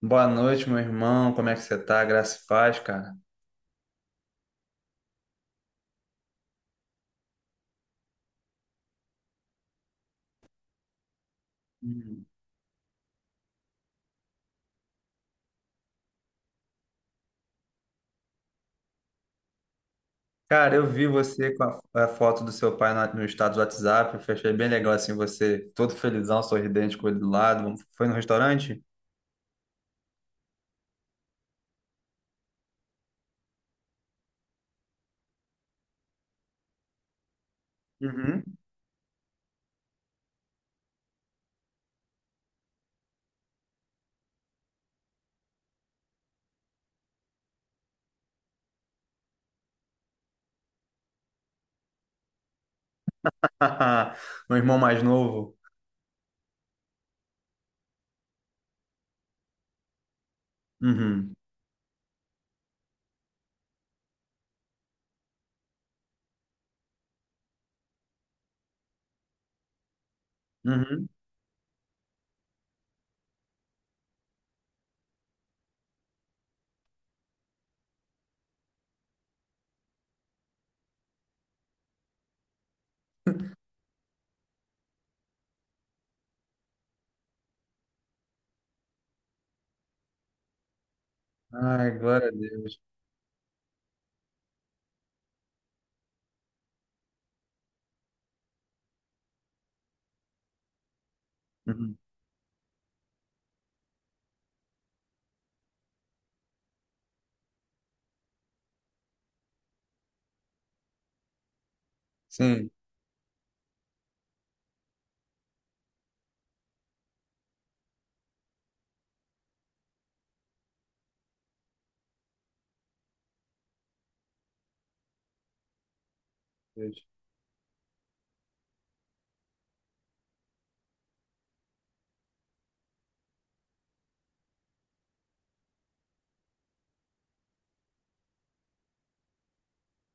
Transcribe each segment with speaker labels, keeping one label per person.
Speaker 1: Boa noite, meu irmão. Como é que você tá? Graça e paz, cara. Hum. Cara, eu vi você com a foto do seu pai no estado do WhatsApp. Eu achei bem legal assim, você todo felizão, sorridente com ele do lado. Foi no restaurante? Uhum. Meu irmão mais novo. Uhum. Uhum. Ai, glória a Deus. Uhum. Sim. Deus.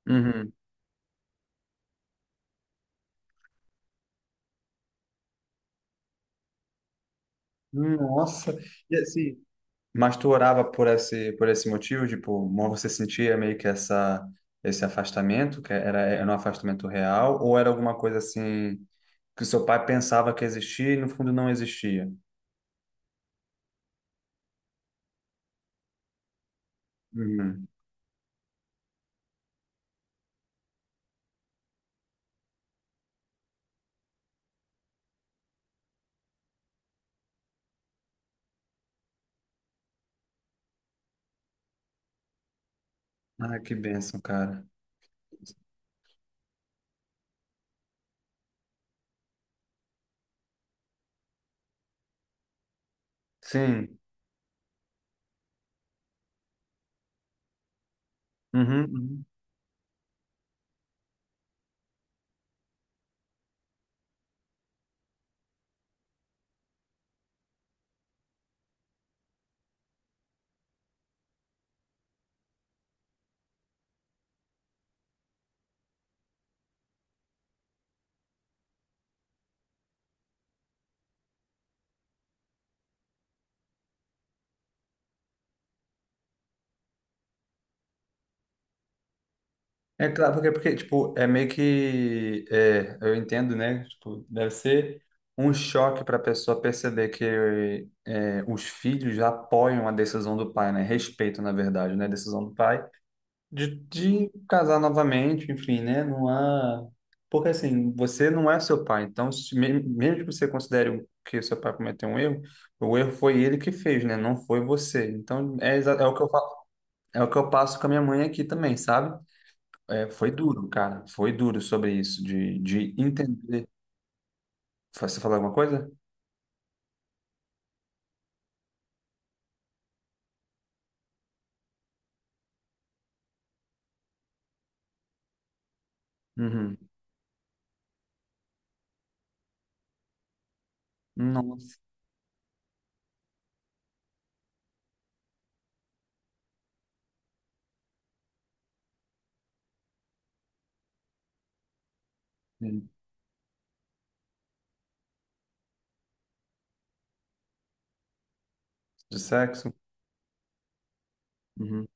Speaker 1: Uhum. Nossa. E assim, mas tu orava por esse, motivo, tipo, você sentia meio que esse afastamento, que era um afastamento real, ou era alguma coisa assim que o seu pai pensava que existia e no fundo não existia? Uhum. Ah, que bênção, cara. Sim. Uhum, uhum. É claro, porque, tipo, é meio que, eu entendo, né? Tipo, deve ser um choque para a pessoa perceber que os filhos apoiam a decisão do pai, né? Respeitam, na verdade, né? A decisão do pai de casar novamente, enfim, né? Não há. Porque assim, você não é seu pai, então, se, me- mesmo que você considere que seu pai cometeu um erro, o erro foi ele que fez, né? Não foi você. Então, é o que eu, fa- é o que eu passo com a minha mãe aqui também, sabe? Foi duro, cara, foi duro sobre isso, de entender. Você falou alguma coisa? Uhum. Nossa. Hum. De sexo? Uhum.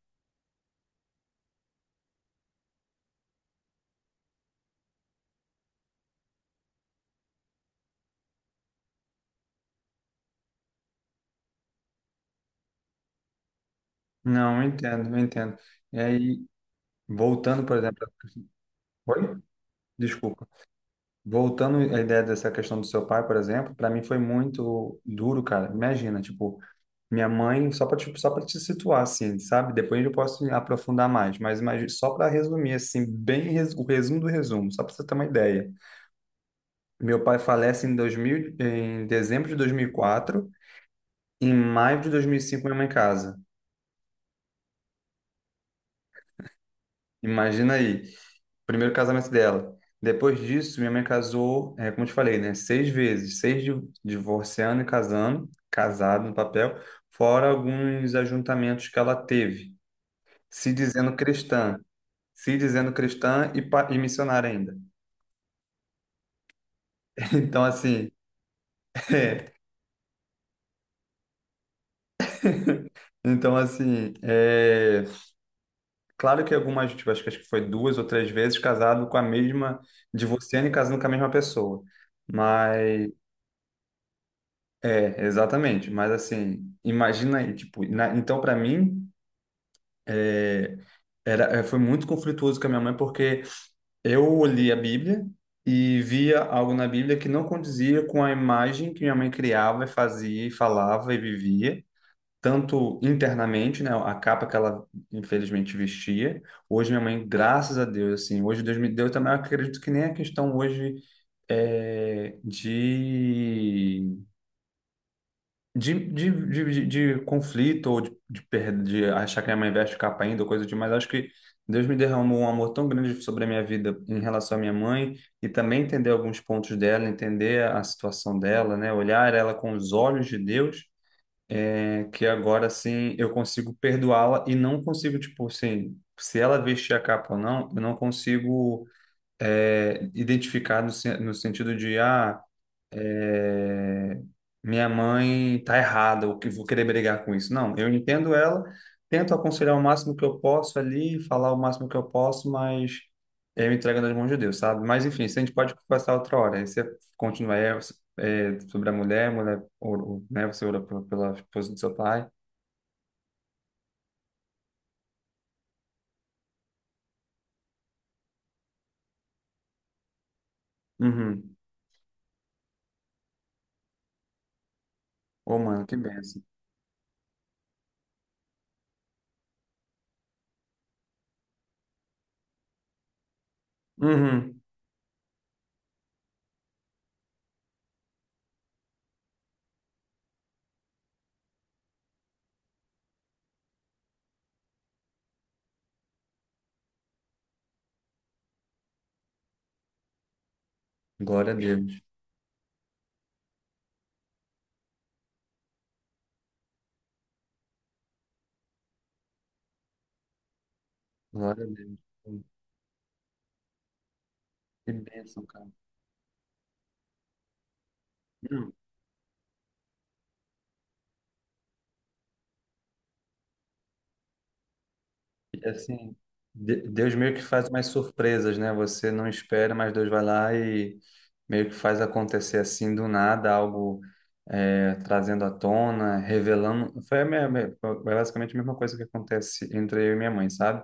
Speaker 1: Não, eu entendo, eu entendo. E aí, voltando, por exemplo. Oi? Desculpa. Voltando à ideia dessa questão do seu pai, por exemplo, para mim foi muito duro, cara. Imagina, tipo, minha mãe, só para tipo, só para te situar assim, sabe? Depois eu posso aprofundar mais, mas imagina, só para resumir assim, o resumo do resumo, só para você ter uma ideia. Meu pai falece em 2000, em dezembro de 2004, em maio de 2005 minha mãe casa. Imagina aí. Primeiro casamento dela. Depois disso, minha mãe casou, como eu te falei, né? Seis vezes, divorciando e casando, casado no papel, fora alguns ajuntamentos que ela teve, se dizendo cristã, se dizendo cristã e missionária ainda. Então, assim, então, assim, claro que algumas, tipo, acho que foi duas ou três vezes casado com a mesma, divorciando e casando com a mesma pessoa. Mas é, exatamente. Mas assim, imagina aí, tipo, então para mim é, foi muito conflituoso com a minha mãe porque eu li a Bíblia e via algo na Bíblia que não condizia com a imagem que minha mãe criava, e fazia, e falava e vivia, tanto internamente, né, a capa que ela infelizmente vestia. Hoje minha mãe, graças a Deus, assim, hoje Deus me deu também, eu acredito que nem a questão hoje é, de de conflito ou de, perda, de achar que minha mãe veste capa ainda, ou coisa demais, acho que Deus me derramou um amor tão grande sobre a minha vida em relação à minha mãe e também entender alguns pontos dela, entender a situação dela, né? Olhar ela com os olhos de Deus, que agora sim eu consigo perdoá-la e não consigo, tipo assim, se ela vestir a capa ou não, eu não consigo identificar no sentido de, ah. É, Minha mãe tá errada, ou que vou querer brigar com isso. Não, eu entendo ela, tento aconselhar o máximo que eu posso ali, falar o máximo que eu posso, mas eu entrego nas mãos de Deus, sabe? Mas enfim, isso a gente pode conversar outra hora. Aí você continua sobre a mulher, ou, né? Você ora pela esposa do seu pai. Uhum. Ô, mano, que bênção. Uhum. Glória a Deus. Glória a Deus. Que bênção, cara. Não, assim, Deus meio que faz mais surpresas, né? Você não espera, mas Deus vai lá e meio que faz acontecer assim do nada, algo trazendo à tona, revelando. Foi basicamente a mesma coisa que acontece entre eu e minha mãe, sabe?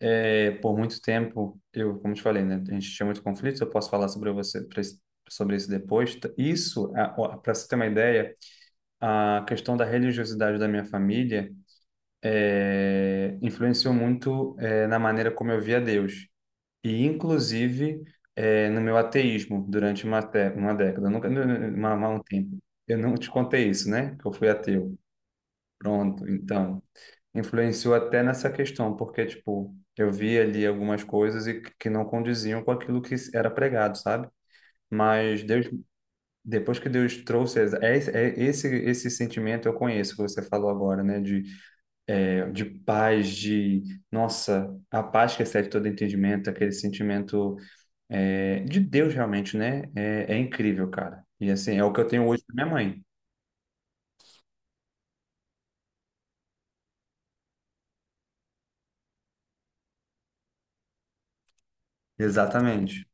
Speaker 1: Por muito tempo, eu, como te falei, né? A gente tinha muito conflito, eu posso falar sobre você, sobre isso depois. Isso, para você ter uma ideia, a questão da religiosidade da minha família influenciou muito na maneira como eu via Deus e inclusive no meu ateísmo durante uma década. Eu nunca, nu- uma- um tempo. Eu não te contei isso, né? Que eu fui ateu. Pronto, então influenciou até nessa questão, porque tipo eu vi ali algumas coisas e que não condiziam com aquilo que era pregado, sabe? Mas Deus, depois que Deus trouxe esse sentimento eu conheço que você falou agora, né? De de paz, de, nossa, a paz que excede todo entendimento, aquele sentimento de Deus realmente, né? É incrível, cara. E assim, é o que eu tenho hoje com minha mãe. Exatamente.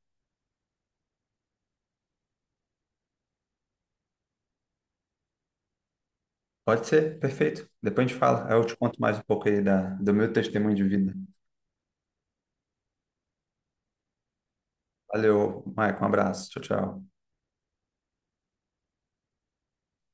Speaker 1: Pode ser, perfeito. Depois a gente fala. Aí eu te conto mais um pouco aí do meu testemunho de vida. Valeu, Maicon. Um abraço. Tchau, tchau.